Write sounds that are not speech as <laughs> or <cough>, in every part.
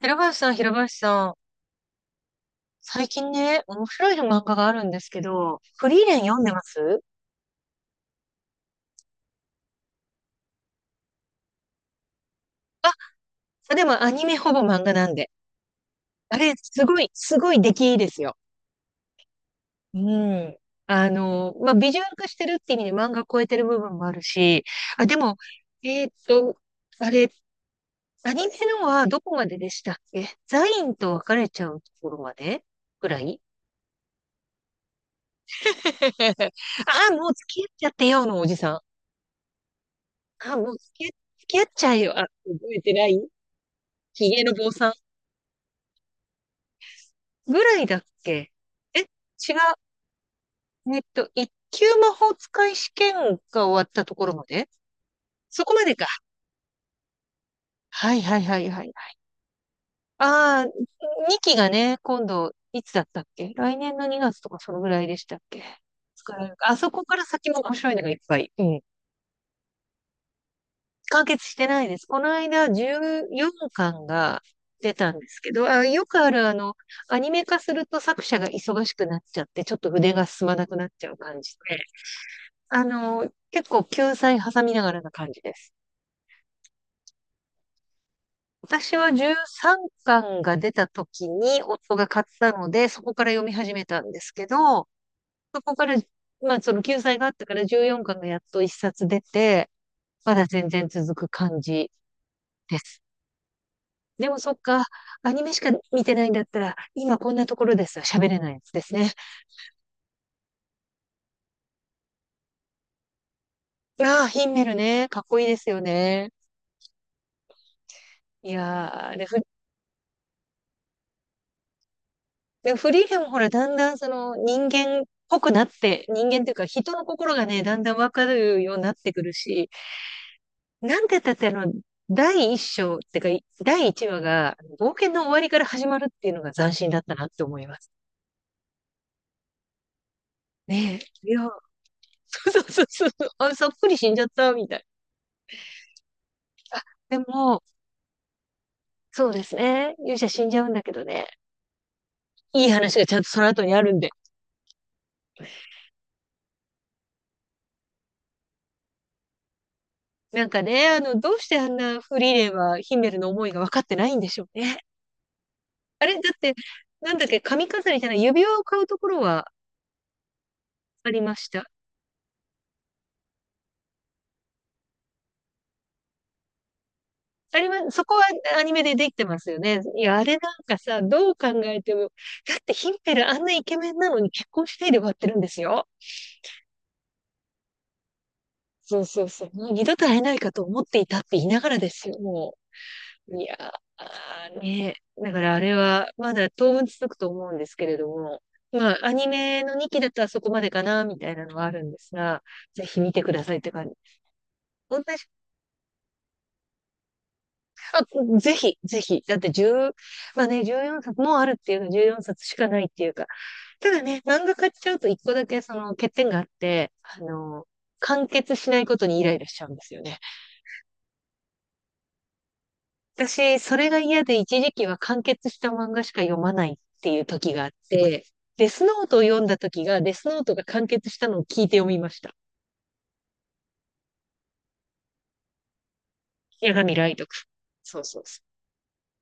平林さん、平林さん、最近ね、面白い漫画があるんですけど、フリーレン読んでます。あ、でもアニメほぼ漫画なんで。あれ、すごい出来いいですよ。うん。まあ、ビジュアル化してるって意味で漫画超えてる部分もあるし、あ、でも、えーっと、あれ、アニメのはどこまででしたっけ。ザインと別れちゃうところまでぐらい。 <laughs> あ、もう付き合っちゃってよのおじさん。あ、もう付き合っ付き合っちゃえよ。あ、覚えてない。ヒゲの坊さんぐらいだっけ。え、違う。えっと、一級魔法使い試験が終わったところまで。そこまでか。はいはいはいはいはい。ああ、2期がね、今度、いつだったっけ、来年の2月とかそのぐらいでしたっけ、作られるか。あそこから先も面白いのがいっぱい。うん。完結してないです。この間、14巻が出たんですけど、あ、よくあるアニメ化すると作者が忙しくなっちゃって、ちょっと筆が進まなくなっちゃう感じで。結構救済挟みながらな感じです。私は13巻が出た時に夫が買ったので、そこから読み始めたんですけど、そこから、まあその救済があったから14巻がやっと1冊出て、まだ全然続く感じです。でもそっか、アニメしか見てないんだったら、今こんなところです。喋れないやつですね。ああ、ヒンメルね。かっこいいですよね。いやー、あれ、ふでもフリーレンもほら、だんだんその人間っぽくなって、人間っていうか人の心がね、だんだんわかるようになってくるし、なんて言ったって第一章ってか、第一話が冒険の終わりから始まるっていうのが斬新だったなって思います。ねえ。いや、そうそうそうそう、あ、そっくり死んじゃった、みたいな。でも、そうですね。勇者死んじゃうんだけどね。いい話がちゃんとその後にあるんで。なんかね、どうしてあんなフリーレンはヒメルの思いが分かってないんでしょうね。あれ、だって、なんだっけ、髪飾りじゃない、指輪を買うところはありました。ありま、そこはアニメでできてますよね。いや、あれなんかさ、どう考えても、だってヒンペルあんなイケメンなのに結婚してで終わってるんですよ。そうそうそう。もう二度と会えないかと思っていたって言いながらですよ、もう。ー、ねだからあれは、まだ当分続くと思うんですけれども、まあ、アニメの2期だったらそこまでかな、みたいなのはあるんですが、ぜひ見てくださいって感じ。同じ。 <laughs> あ、ぜひ、ぜひ。だって1、まあね、14冊もうよんさつもあるっていうか、14冊しかないっていうか。ただね、漫画買っちゃうと一個だけその欠点があって、完結しないことにイライラしちゃうんですよね。私、それが嫌で一時期は完結した漫画しか読まないっていう時があって、デスノートを読んだ時が、デスノートが完結したのを聞いて読みました。八神ライト君。そうそうそう。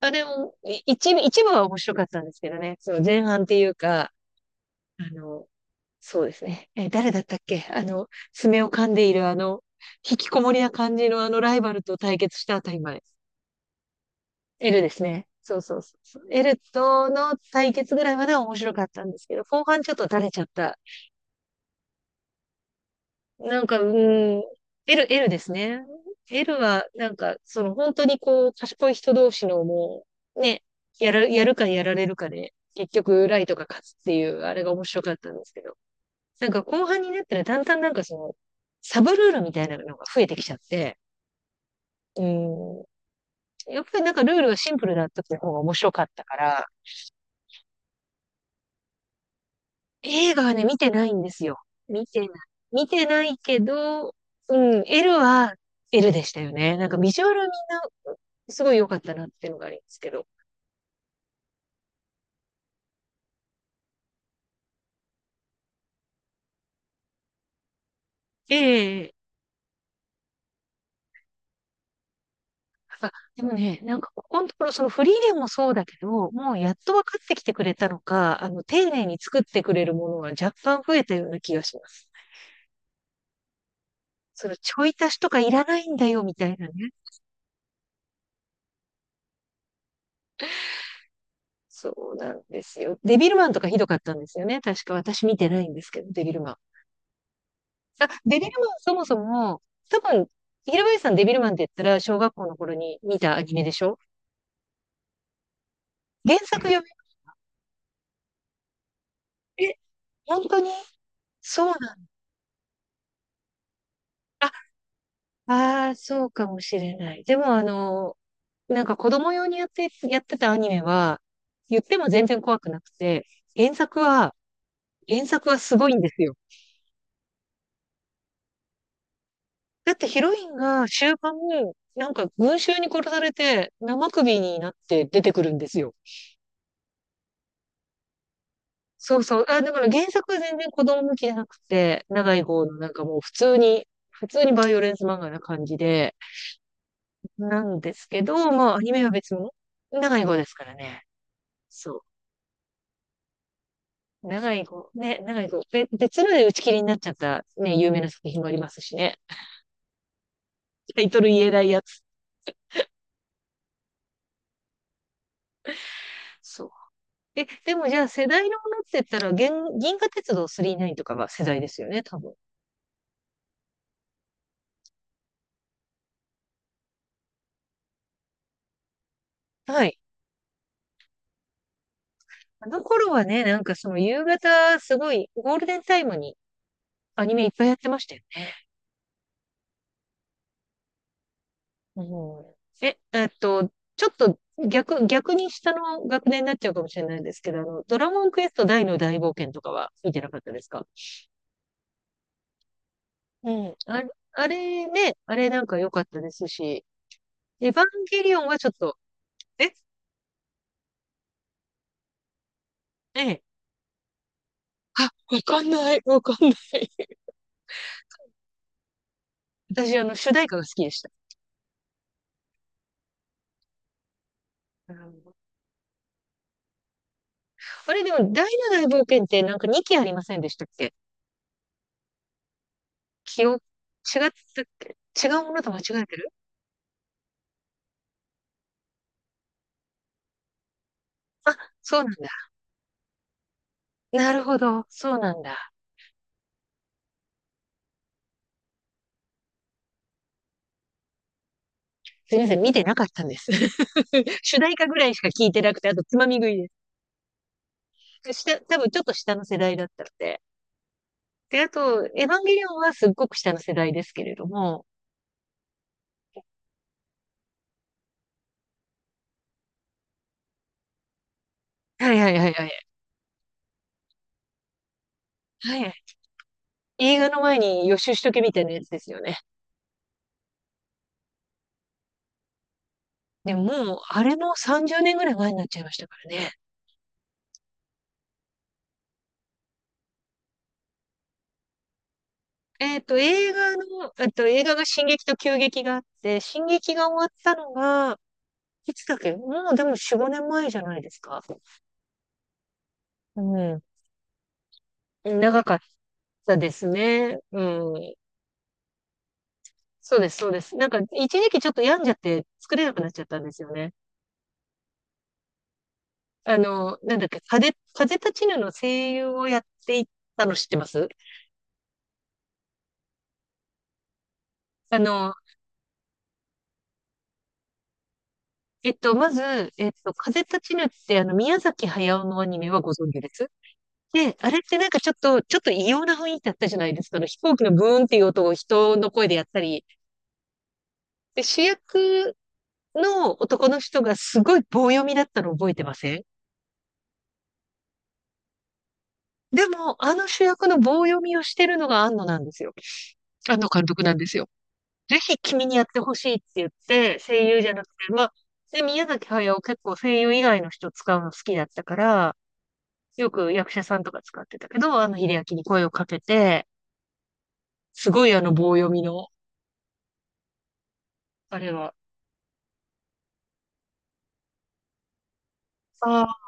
あ、でも、一部、一部は面白かったんですけどね。その前半っていうか、あの、そうですね。誰だったっけ、爪を噛んでいるあの、引きこもりな感じのあのライバルと対決したあたりまで。エルですね。そうそうそうそう。エルとの対決ぐらいまでは面白かったんですけど、後半ちょっと垂れちゃった。なんか、うーん、エルですね。エルは、なんか、その本当にこう、賢い人同士のもう、ね、やるかやられるかで、結局、ライトが勝つっていう、あれが面白かったんですけど。なんか後半になったらだんだんなんかその、サブルールみたいなのが増えてきちゃって、うん、やっぱりなんかルールがシンプルだった方が面白かったから、映画はね、見てないんですよ。見てない。見てないけど、うん、L は L でしたよね。なんかビジュアルみんなすごい良かったなっていうのがあるんですけど。ええ、あ、でもね、なんかここのところ、そのフリーレンもそうだけど、もうやっと分かってきてくれたのか、丁寧に作ってくれるものは若干増えたような気がします。そのちょい足しとかいらないんだよ、みたいなね。そうなんですよ。デビルマンとかひどかったんですよね。確か私見てないんですけど、デビルマン。あ、デビルマンそもそも、多分、平林さんデビルマンって言ったら小学校の頃に見たアニメでしょ。原作読み、え、本当に？そうなん、あ、ああー、そうかもしれない。でもあの、なんか子供用にやって、やってたアニメは、言っても全然怖くなくて、原作は、原作はすごいんですよ。だってヒロインが終盤、なんか群衆に殺されて生首になって出てくるんですよ。そうそう。あ、だから原作は全然子供向きじゃなくて、長い方のなんかもう普通にバイオレンス漫画な感じで、なんですけど、まあアニメは別物。長い方ですからね。そう。長い方、ね、長い方。べ別ので打ち切りになっちゃったね、有名な作品もありますしね。タイトル言えないやつ。そう。え、でもじゃあ世代のものって言ったら、銀河鉄道999とかが世代ですよね、多分。はい。あの頃はね、なんかその夕方、すごいゴールデンタイムにアニメいっぱいやってましたよね。うん、え、えっと、ちょっと逆、逆に下の学年になっちゃうかもしれないですけど、ドラゴンクエスト大の大冒険とかは見てなかったですか？うん。あれ、あれね、あれなんか良かったですし、エヴァンゲリオンはちょっと、え、ええ、あ、わかんない、わかんない。私、主題歌が好きでした。うん、あれ、でも、第七大冒険ってなんか2期ありませんでしたっけ。記憶、違ったっけ。違うものと間違えてる？あ、そうなんだ。なるほど。そうなんだ。すみません、見てなかったんです。<laughs> 主題歌ぐらいしか聞いてなくて、あとつまみ食いです。下、多分ちょっと下の世代だったので。で、あと、エヴァンゲリオンはすっごく下の世代ですけれども。はいはいはいはい。はい。映画の前に予習しとけみたいなやつですよね。でももう、あれも30年ぐらい前になっちゃいましたからね。映画が進撃と急激があって、進撃が終わったのが、いつだっけ。もうでも4、5年前じゃないですか。うん。長かったですね。うん。そうです、そうです。なんか、一時期ちょっと病んじゃって作れなくなっちゃったんですよね。あの、なんだっけ、風立ちぬの声優をやっていたの知ってます？あの、えっと、まず、えっと、風立ちぬって、あの、宮崎駿のアニメはご存知です？で、あれってなんかちょっと異様な雰囲気だったじゃないですか。あの飛行機のブーンっていう音を人の声でやったり。で、主役の男の人がすごい棒読みだったの覚えてません？でも、あの主役の棒読みをしてるのが庵野なんですよ。庵野監督なんですよ。ぜひ君にやってほしいって言って、声優じゃなくて、まあ、で、宮崎駿結構声優以外の人使うの好きだったから、よく役者さんとか使ってたけど、庵野秀明に声をかけて、すごいあの棒読みの、あれは。あ